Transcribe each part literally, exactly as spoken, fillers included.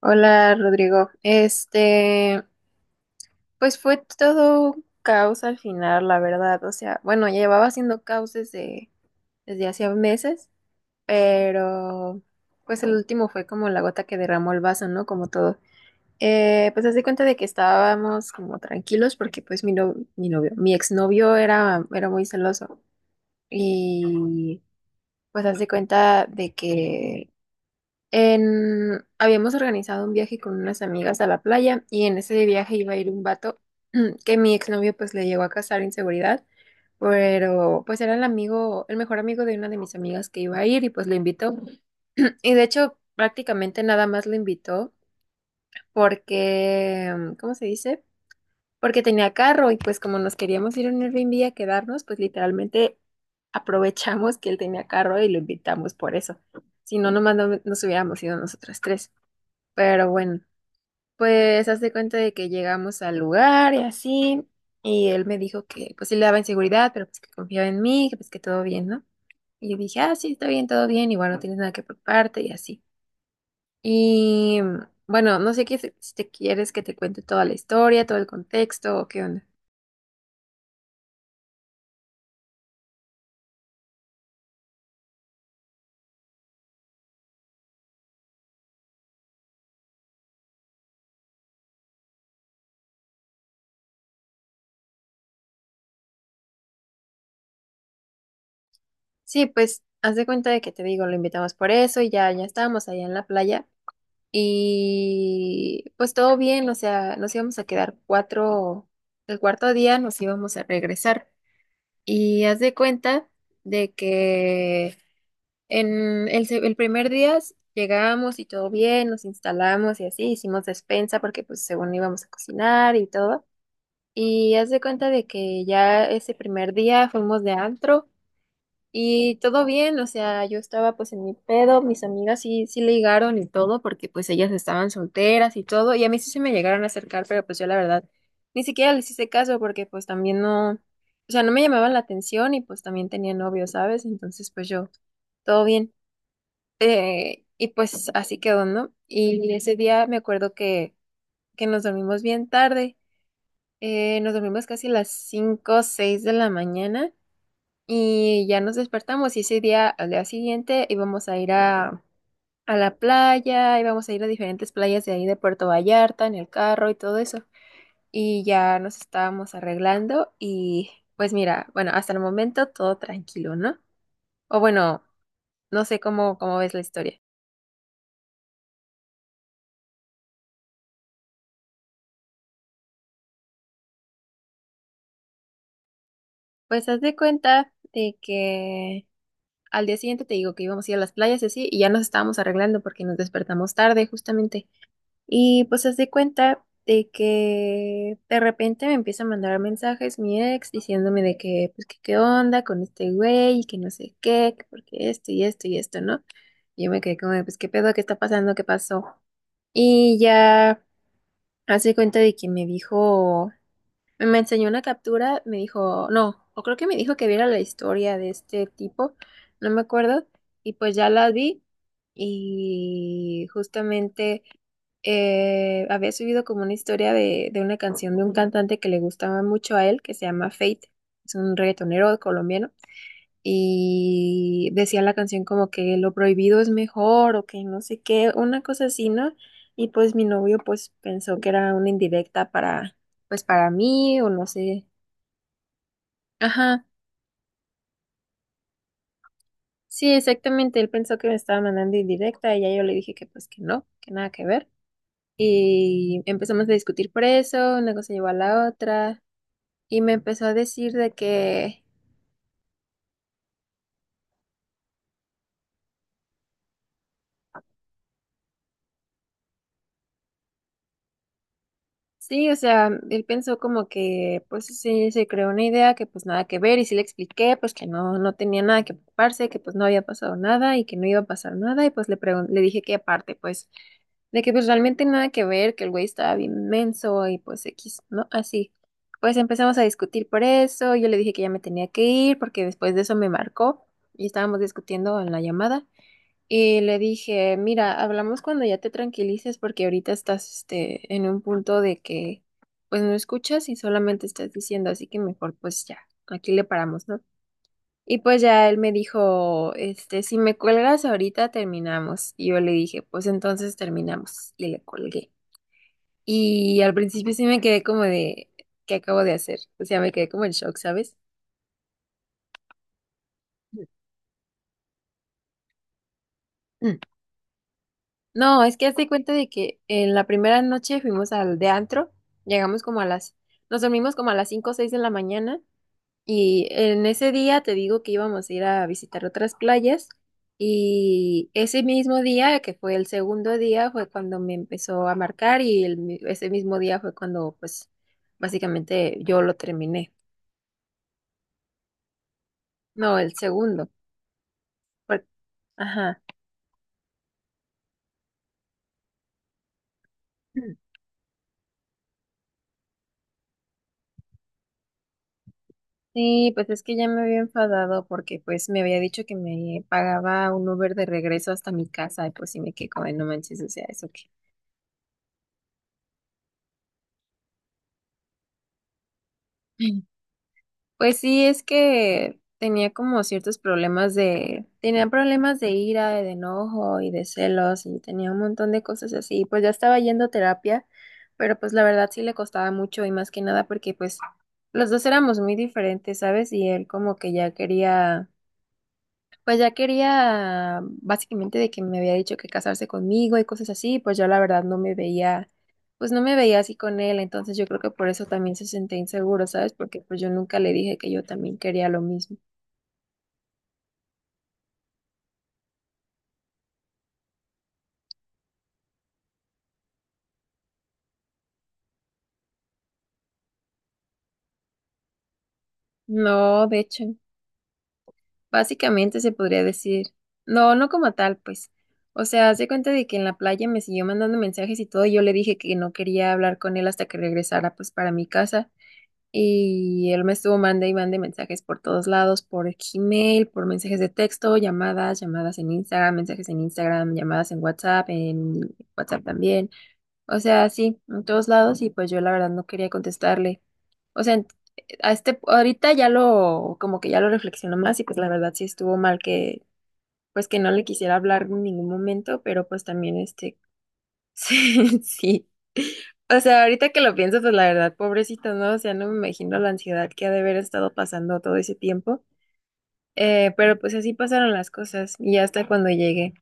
Hola Rodrigo, este, pues fue todo un caos al final, la verdad, o sea, bueno, ya llevaba haciendo caos desde, desde hacía meses, pero pues el último fue como la gota que derramó el vaso, ¿no? Como todo. Eh, pues hace cuenta de que estábamos como tranquilos porque pues mi, no, mi novio, mi exnovio era, era muy celoso y pues hace cuenta de que En, habíamos organizado un viaje con unas amigas a la playa y en ese viaje iba a ir un vato que mi exnovio pues le llegó a casar inseguridad, pero pues era el amigo, el mejor amigo de una de mis amigas que iba a ir y pues lo invitó. Y de hecho prácticamente nada más lo invitó porque, mm, ¿cómo se dice? Porque tenía carro y pues como nos queríamos ir a un Airbnb a quedarnos, pues literalmente aprovechamos que él tenía carro y lo invitamos por eso. Si no, nomás no, nos hubiéramos ido nosotras tres. Pero bueno, pues hace cuenta de que llegamos al lugar y así, y él me dijo que pues sí le daba inseguridad, pero pues que confiaba en mí, que pues que todo bien, ¿no? Y yo dije, ah, sí, está bien, todo bien, igual no tienes nada que preocuparte y así. Y bueno, no sé qué, se- si te quieres que te cuente toda la historia, todo el contexto o qué onda. Sí, pues haz de cuenta de que te digo, lo invitamos por eso y ya, ya estábamos allá en la playa. Y pues todo bien, o sea, nos íbamos a quedar cuatro, el cuarto día nos íbamos a regresar. Y haz de cuenta de que en el, se- el primer día s- llegamos y todo bien, nos instalamos y así, hicimos despensa porque pues según íbamos a cocinar y todo. Y haz de cuenta de que ya ese primer día fuimos de antro y todo bien, o sea, yo estaba pues en mi pedo, mis amigas sí, sí ligaron y todo, porque pues ellas estaban solteras y todo, y a mí sí se me llegaron a acercar, pero pues yo la verdad ni siquiera les hice caso porque pues también no, o sea, no me llamaban la atención y pues también tenía novio, ¿sabes? Entonces pues yo, todo bien. Eh, y pues así quedó, ¿no? Y ese día me acuerdo que, que nos dormimos bien tarde, eh, nos dormimos casi las cinco o seis de la mañana. Y ya nos despertamos y ese día, al día siguiente, íbamos a ir a, a la playa, íbamos a ir a diferentes playas de ahí de Puerto Vallarta en el carro y todo eso. Y ya nos estábamos arreglando y pues mira, bueno, hasta el momento todo tranquilo, ¿no? O bueno, no sé cómo, cómo ves la historia. Pues haz de cuenta de que al día siguiente te digo que íbamos a ir a las playas y así, y ya nos estábamos arreglando porque nos despertamos tarde justamente. Y pues haz de cuenta de que de repente me empieza a mandar mensajes mi ex diciéndome de que, pues, que qué onda con este güey y que no sé qué, que porque esto y esto y esto, ¿no? Y yo me quedé como, de, pues, ¿qué pedo? ¿Qué está pasando? ¿Qué pasó? Y ya hace cuenta de que me dijo, me me enseñó una captura, me dijo, no, o creo que me dijo que viera la historia de este tipo, no me acuerdo, y pues ya la vi y justamente eh, había subido como una historia de, de una canción de un cantante que le gustaba mucho a él, que se llama Fate, es un reggaetonero colombiano, y decía la canción como que lo prohibido es mejor o que no sé qué, una cosa así, ¿no? Y pues mi novio pues pensó que era una indirecta para, pues para mí o no sé. Ajá, sí, exactamente, él pensó que me estaba mandando indirecta y ya yo le dije que pues que no, que nada que ver. Y empezamos a discutir por eso, una cosa llevó a la otra. Y me empezó a decir de que Sí, o sea, él pensó como que, pues sí, se creó una idea que pues nada que ver y sí le expliqué, pues que no, no tenía nada que preocuparse, que pues no había pasado nada y que no iba a pasar nada y pues le pregun- le dije que aparte, pues, de que pues realmente nada que ver, que el güey estaba bien menso y pues X, ¿no? Así. Pues empezamos a discutir por eso, yo le dije que ya me tenía que ir porque después de eso me marcó y estábamos discutiendo en la llamada. Y le dije, mira, hablamos cuando ya te tranquilices porque ahorita estás este, en un punto de que pues no escuchas y solamente estás diciendo, así que mejor pues ya, aquí le paramos, ¿no? Y pues ya él me dijo, este, si me cuelgas ahorita terminamos. Y yo le dije, pues entonces terminamos. Y le colgué. Y al principio sí me quedé como de, ¿qué acabo de hacer? O sea, me quedé como en shock, ¿sabes? No, es que hazte cuenta de que en la primera noche fuimos al de antro, llegamos como a las, nos dormimos como a las cinco o seis de la mañana y en ese día te digo que íbamos a ir a visitar otras playas y ese mismo día, que fue el segundo día, fue cuando me empezó a marcar y el mi- ese mismo día fue cuando pues básicamente yo lo terminé. No, el segundo. por- ajá. Sí, pues es que ya me había enfadado porque pues me había dicho que me pagaba un Uber de regreso hasta mi casa y pues sí me quedé como, "Ay, no manches, o sea, eso que... Pues sí, es que tenía como ciertos problemas de, tenía problemas de ira, de enojo y de celos y tenía un montón de cosas así. Pues ya estaba yendo a terapia, pero pues la verdad sí le costaba mucho y más que nada porque pues los dos éramos muy diferentes, ¿sabes? Y él como que ya quería Pues ya quería, básicamente, de que me había dicho que casarse conmigo y cosas así, pues yo la verdad no me veía, pues no me veía así con él, entonces yo creo que por eso también se sentía inseguro, ¿sabes? Porque pues yo nunca le dije que yo también quería lo mismo. No, de hecho, básicamente se podría decir, no, no como tal, pues. O sea, se cuenta de que en la playa me siguió mandando mensajes y todo, y yo le dije que no quería hablar con él hasta que regresara pues para mi casa. Y él me estuvo mande y mande mensajes por todos lados, por Gmail, por mensajes de texto, llamadas, llamadas en Instagram, mensajes en Instagram, llamadas en WhatsApp, en WhatsApp también. O sea, sí, en todos lados y pues yo la verdad no quería contestarle. O sea, a este ahorita ya lo como que ya lo reflexiono más y pues la verdad sí estuvo mal que pues que no le quisiera hablar en ningún momento, pero pues también este Sí, sí. O sea, ahorita que lo pienso, pues la verdad, pobrecito, ¿no? O sea, no me imagino la ansiedad que ha de haber estado pasando todo ese tiempo. Eh, pero pues así pasaron las cosas y hasta cuando llegué.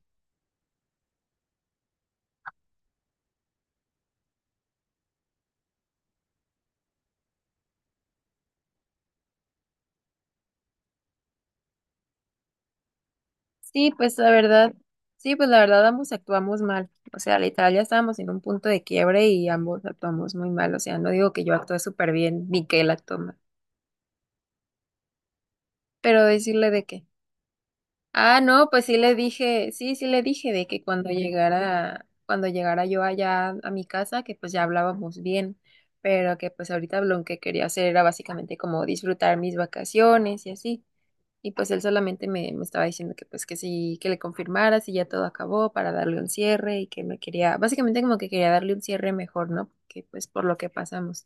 Sí, pues la verdad, sí, pues la verdad ambos actuamos mal. O sea, literal ya estábamos en un punto de quiebre y ambos actuamos muy mal. O sea, no digo que yo actúe súper bien ni que él actúe mal. Pero decirle de qué. Ah, no, pues sí le dije, sí, sí le dije de que cuando llegara, cuando llegara yo allá a mi casa, que pues ya hablábamos bien, pero que pues ahorita lo que quería hacer era básicamente como disfrutar mis vacaciones y así. Y pues él solamente me, me estaba diciendo que pues que sí, que le confirmara si ya todo acabó para darle un cierre y que me quería, básicamente como que quería darle un cierre mejor, ¿no? Que pues por lo que pasamos.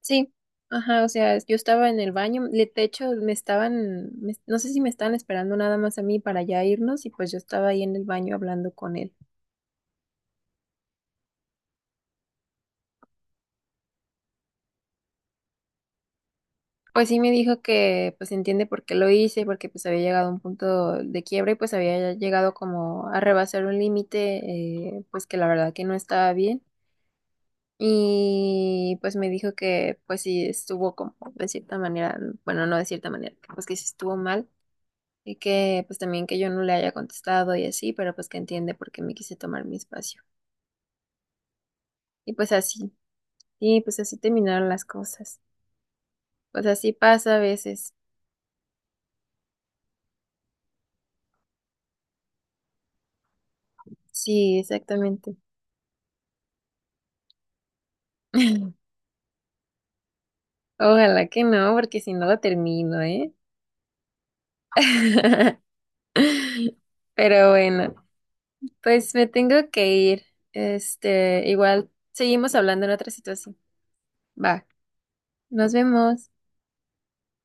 Sí, ajá, o sea, yo estaba en el baño, le- de hecho me estaban, me- no sé si me estaban esperando nada más a mí para ya irnos y pues yo estaba ahí en el baño hablando con él. Pues sí me dijo que pues entiende por qué lo hice, porque pues había llegado a un punto de quiebra y pues había llegado como a rebasar un límite, eh, pues que la verdad que no estaba bien. Y pues me dijo que pues sí estuvo como de cierta manera, bueno, no de cierta manera, pues que sí estuvo mal. Y que pues también que yo no le haya contestado y así, pero pues que entiende por qué me quise tomar mi espacio. Y pues así, sí, pues así terminaron las cosas. Pues así pasa a veces. Sí, exactamente. Ojalá que no, porque si no lo termino, ¿eh? Pero bueno, pues me tengo que ir. Este, igual seguimos hablando en otra situación. Va, nos vemos.